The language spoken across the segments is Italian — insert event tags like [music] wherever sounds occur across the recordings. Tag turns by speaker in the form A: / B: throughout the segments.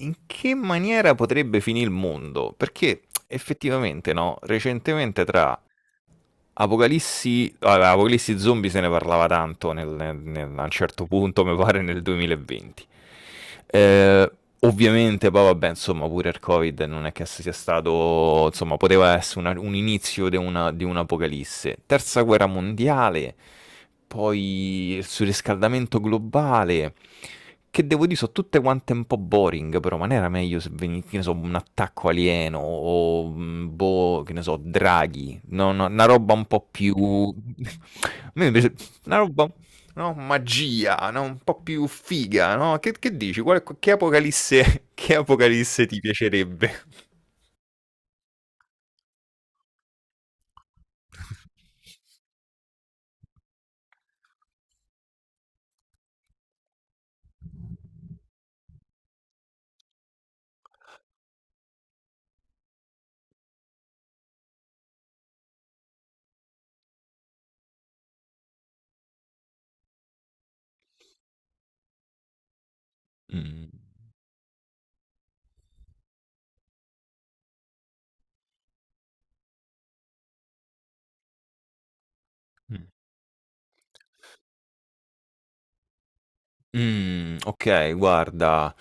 A: In che maniera potrebbe finì il mondo? Perché effettivamente, no, recentemente tra Apocalissi, allora, Apocalissi zombie se ne parlava tanto a un certo punto, mi pare nel 2020. Eh, Ovviamente, poi vabbè, insomma, pure il Covid non è che sia stato, insomma, poteva essere un inizio di di un'apocalisse. Terza guerra mondiale poi il surriscaldamento globale, che devo dire sono tutte quante un po' boring, però ma non era meglio se venisse, che ne so, un attacco alieno o, boh, che ne so, draghi, no, no, una roba un po' più [laughs] A me invece una roba, no, magia, no, un po' più figa, no? Che dici? Che apocalisse, [laughs] che apocalisse ti piacerebbe? [laughs] Mm. Mm, ok, guarda.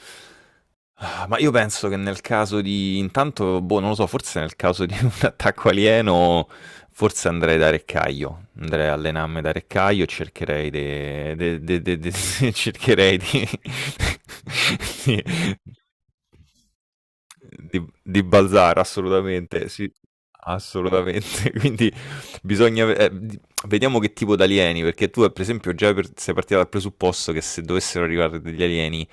A: Ah, ma io penso che nel caso di intanto, boh, non lo so, forse nel caso di [laughs] un attacco alieno, forse andrei da Reccaio, andrei a allenarmi da Reccaio e cercherei [laughs] cercherei di [laughs] di- di Balzar, assolutamente, sì, assolutamente. [laughs] Quindi bisogna ve di vediamo che tipo d'alieni, perché tu, per esempio, già per sei partita dal presupposto che se dovessero arrivare degli alieni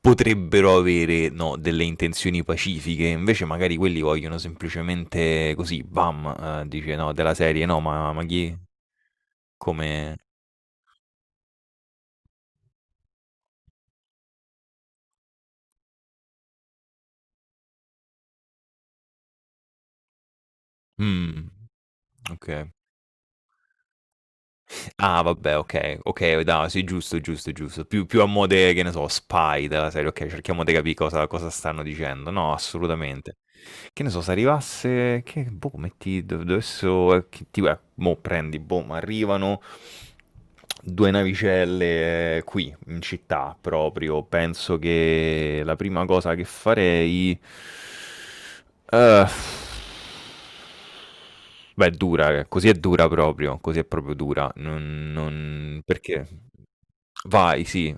A: potrebbero avere, no, delle intenzioni pacifiche, invece magari quelli vogliono semplicemente così, bam, dice, no, della serie, no, ma chi? Come? Mh, okay. Ah, vabbè, ok, ok, no, sì, giusto, giusto, giusto. Più a mo' de, che ne so, spy della serie, ok, cerchiamo di capire cosa stanno dicendo. No, assolutamente. Che ne so, se arrivasse, che, boh, metti, dovessero, tipo, mo' prendi, boh, ma arrivano due navicelle qui, in città, proprio. Penso che la prima cosa che farei. eh, Beh, è dura, così è dura proprio, così è proprio dura. Non perché vai, sì.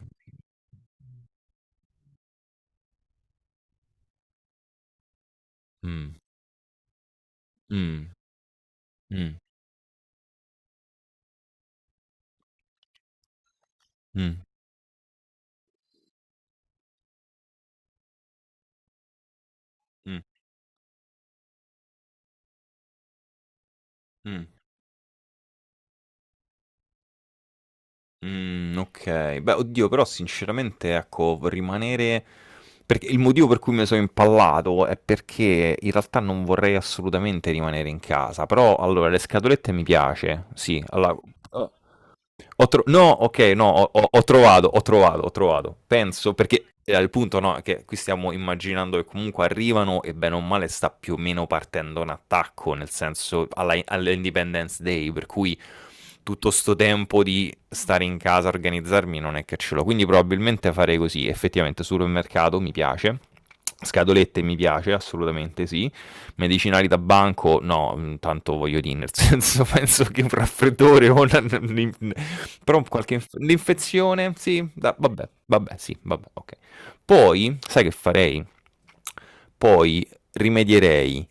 A: Mh, mh, mh, mh, mh, mh, okay. Beh, oddio, però sinceramente, ecco, v rimanere perché il motivo per cui me so' impallato è perché in realtà non vorrei assolutamente rimanere in casa, però allora le scatolette mi piace, sì, alla uhm no, ok, no, ho trovato, ho trovato, ho trovato. Penso, perché al punto no, è che qui stiamo immaginando che comunque arrivano e bene o male sta più o meno partendo un attacco, nel senso all'Independence Day, per cui tutto sto tempo di stare in casa, organizzarmi, non è che ce l'ho. Quindi probabilmente farei così, effettivamente supermercato mi piace, scatolette mi piace, assolutamente sì medicinali da banco, no, tanto voglio dire, nel [laughs] senso penso che un raffreddore o però qualche l'infezione, sì, vabbè, vabbè, sì, vabbè, ok. Poi, sai che farei? Poi rimedierei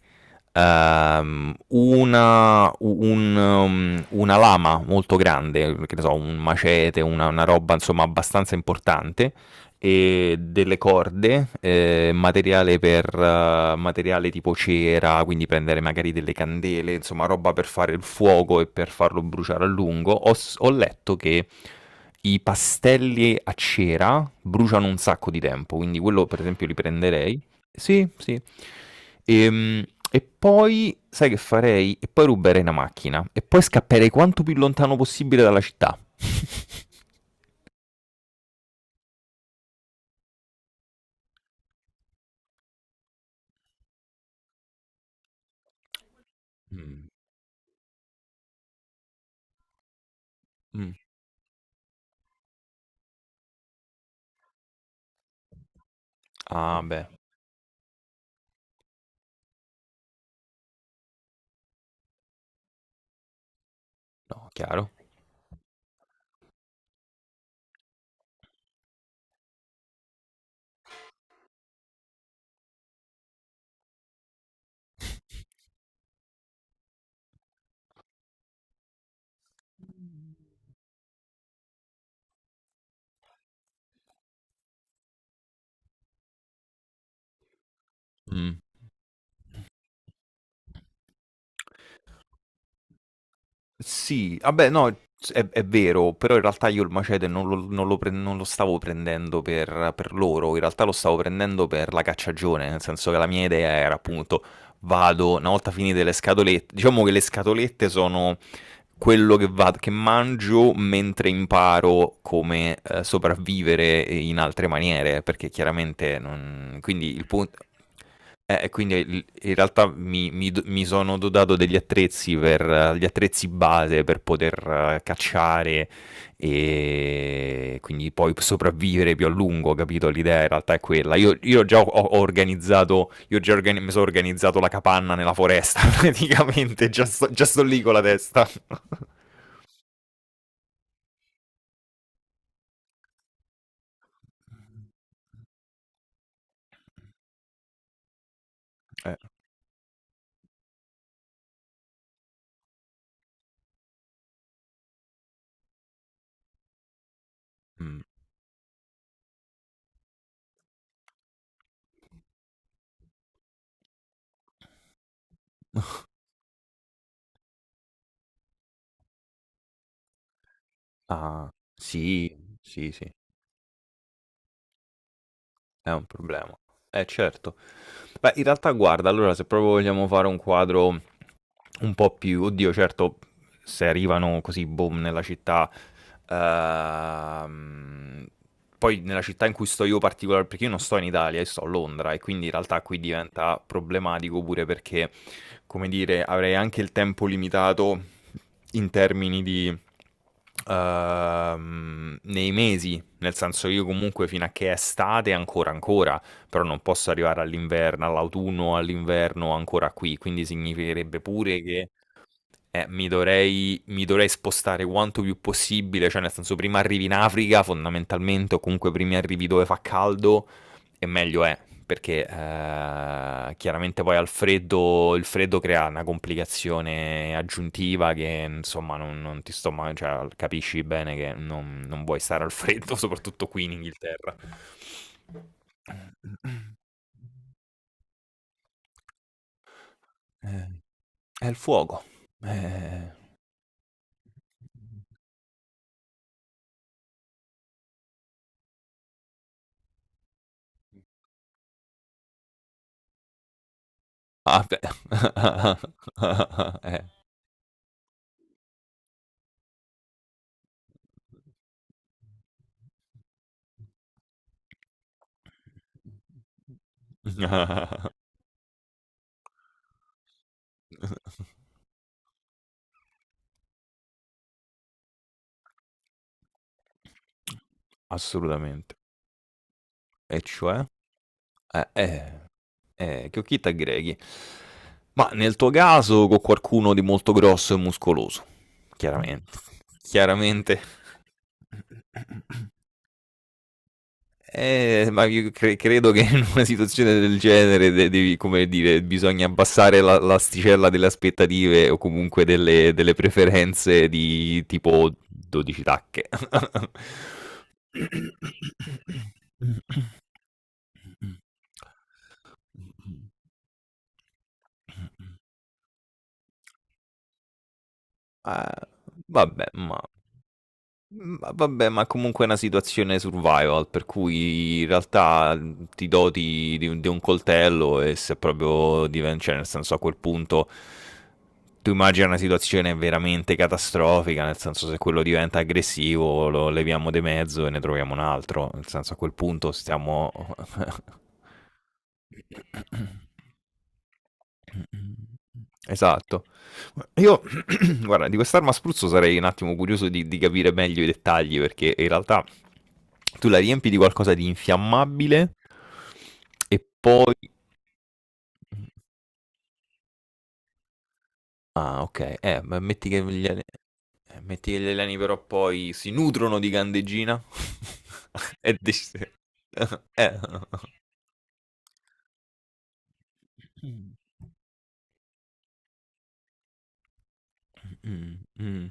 A: una lama molto grande, che ne so, un macete, una roba insomma abbastanza importante, e delle corde, materiale tipo cera, quindi prendere magari delle candele, insomma, roba per fare il fuoco e per farlo bruciare a lungo. Ho letto che i pastelli a cera bruciano un sacco di tempo, quindi quello per esempio li prenderei. Sì, sì. Ehm, E poi sai che farei? E poi ruberei una macchina e poi scapperei quanto più lontano possibile dalla città. [laughs] Mm. Mm. Ah, beh. No, chiaro. Mh. Sì, vabbè no, s è vero, però in realtà io il macete non lo stavo prendendo per loro, in realtà lo stavo prendendo per la cacciagione, nel senso che la mia idea era appunto: vado, una volta finite le scatolette diciamo che le scatolette sono quello che vado che mangio mentre imparo come, sopravvivere in altre maniere, perché chiaramente non quindi il pun. E quindi in realtà mi, mi sono dotato degli attrezzi per gli attrezzi base per poter cacciare e quindi poi sopravvivere più a lungo, capito? L'idea in realtà è quella. Io già ho organizzato, mi sono organizzato la capanna nella foresta, [laughs] praticamente, già sto lì con la testa. [laughs] Eh, mm. [laughs] Ah, sì, sì, sì, è un problema. Certo. Beh, in realtà, guarda, allora se proprio vogliamo fare un quadro un po' più, oddio, certo, se arrivano così, boom, nella città, ehm, poi nella città in cui sto io particolare, perché io non sto in Italia, io sto a Londra e quindi in realtà qui diventa problematico pure perché, come dire, avrei anche il tempo limitato in termini di, nei mesi, nel senso io comunque fino a che è estate ancora ancora però non posso arrivare all'inverno, all'autunno, all'inverno ancora qui, quindi significherebbe pure che mi dovrei spostare quanto più possibile, cioè nel senso prima arrivi in Africa fondamentalmente o comunque prima arrivi dove fa caldo e meglio è perché chiaramente poi al freddo, il freddo crea una complicazione aggiuntiva che insomma non cioè, capisci bene che non vuoi stare al freddo, [laughs] soprattutto qui in Inghilterra. Eh, è il fuoco. Eh. Ah, beh. [laughs] Eh. [laughs] Assolutamente. E cioè? Eh. Che occhietta aggreghi. Ma nel tuo caso con qualcuno di molto grosso e muscoloso, chiaramente. Chiaramente. Ma io credo che in una situazione del genere de- devi, come dire, bisogna abbassare l'asticella delle aspettative o comunque delle preferenze di tipo 12 tacche. [laughs] Eh, vabbè, ma vabbè, ma comunque è una situazione survival, per cui in realtà ti doti di un coltello e se proprio diventa, cioè nel senso a quel punto tu immagini una situazione veramente catastrofica, nel senso se quello diventa aggressivo lo leviamo di mezzo e ne troviamo un altro, nel senso a quel punto stiamo. [coughs] [laughs] Mh-mh. Esatto. Io [clears throat] guarda, di quest'arma a spruzzo sarei un attimo curioso di capire meglio i dettagli, perché in realtà tu la riempi di qualcosa di infiammabile e poi mh, ah okay, metti che gli alieni però poi si nutrono di candeggina [laughs] e dici [laughs] eh. Eh. Mh-mh.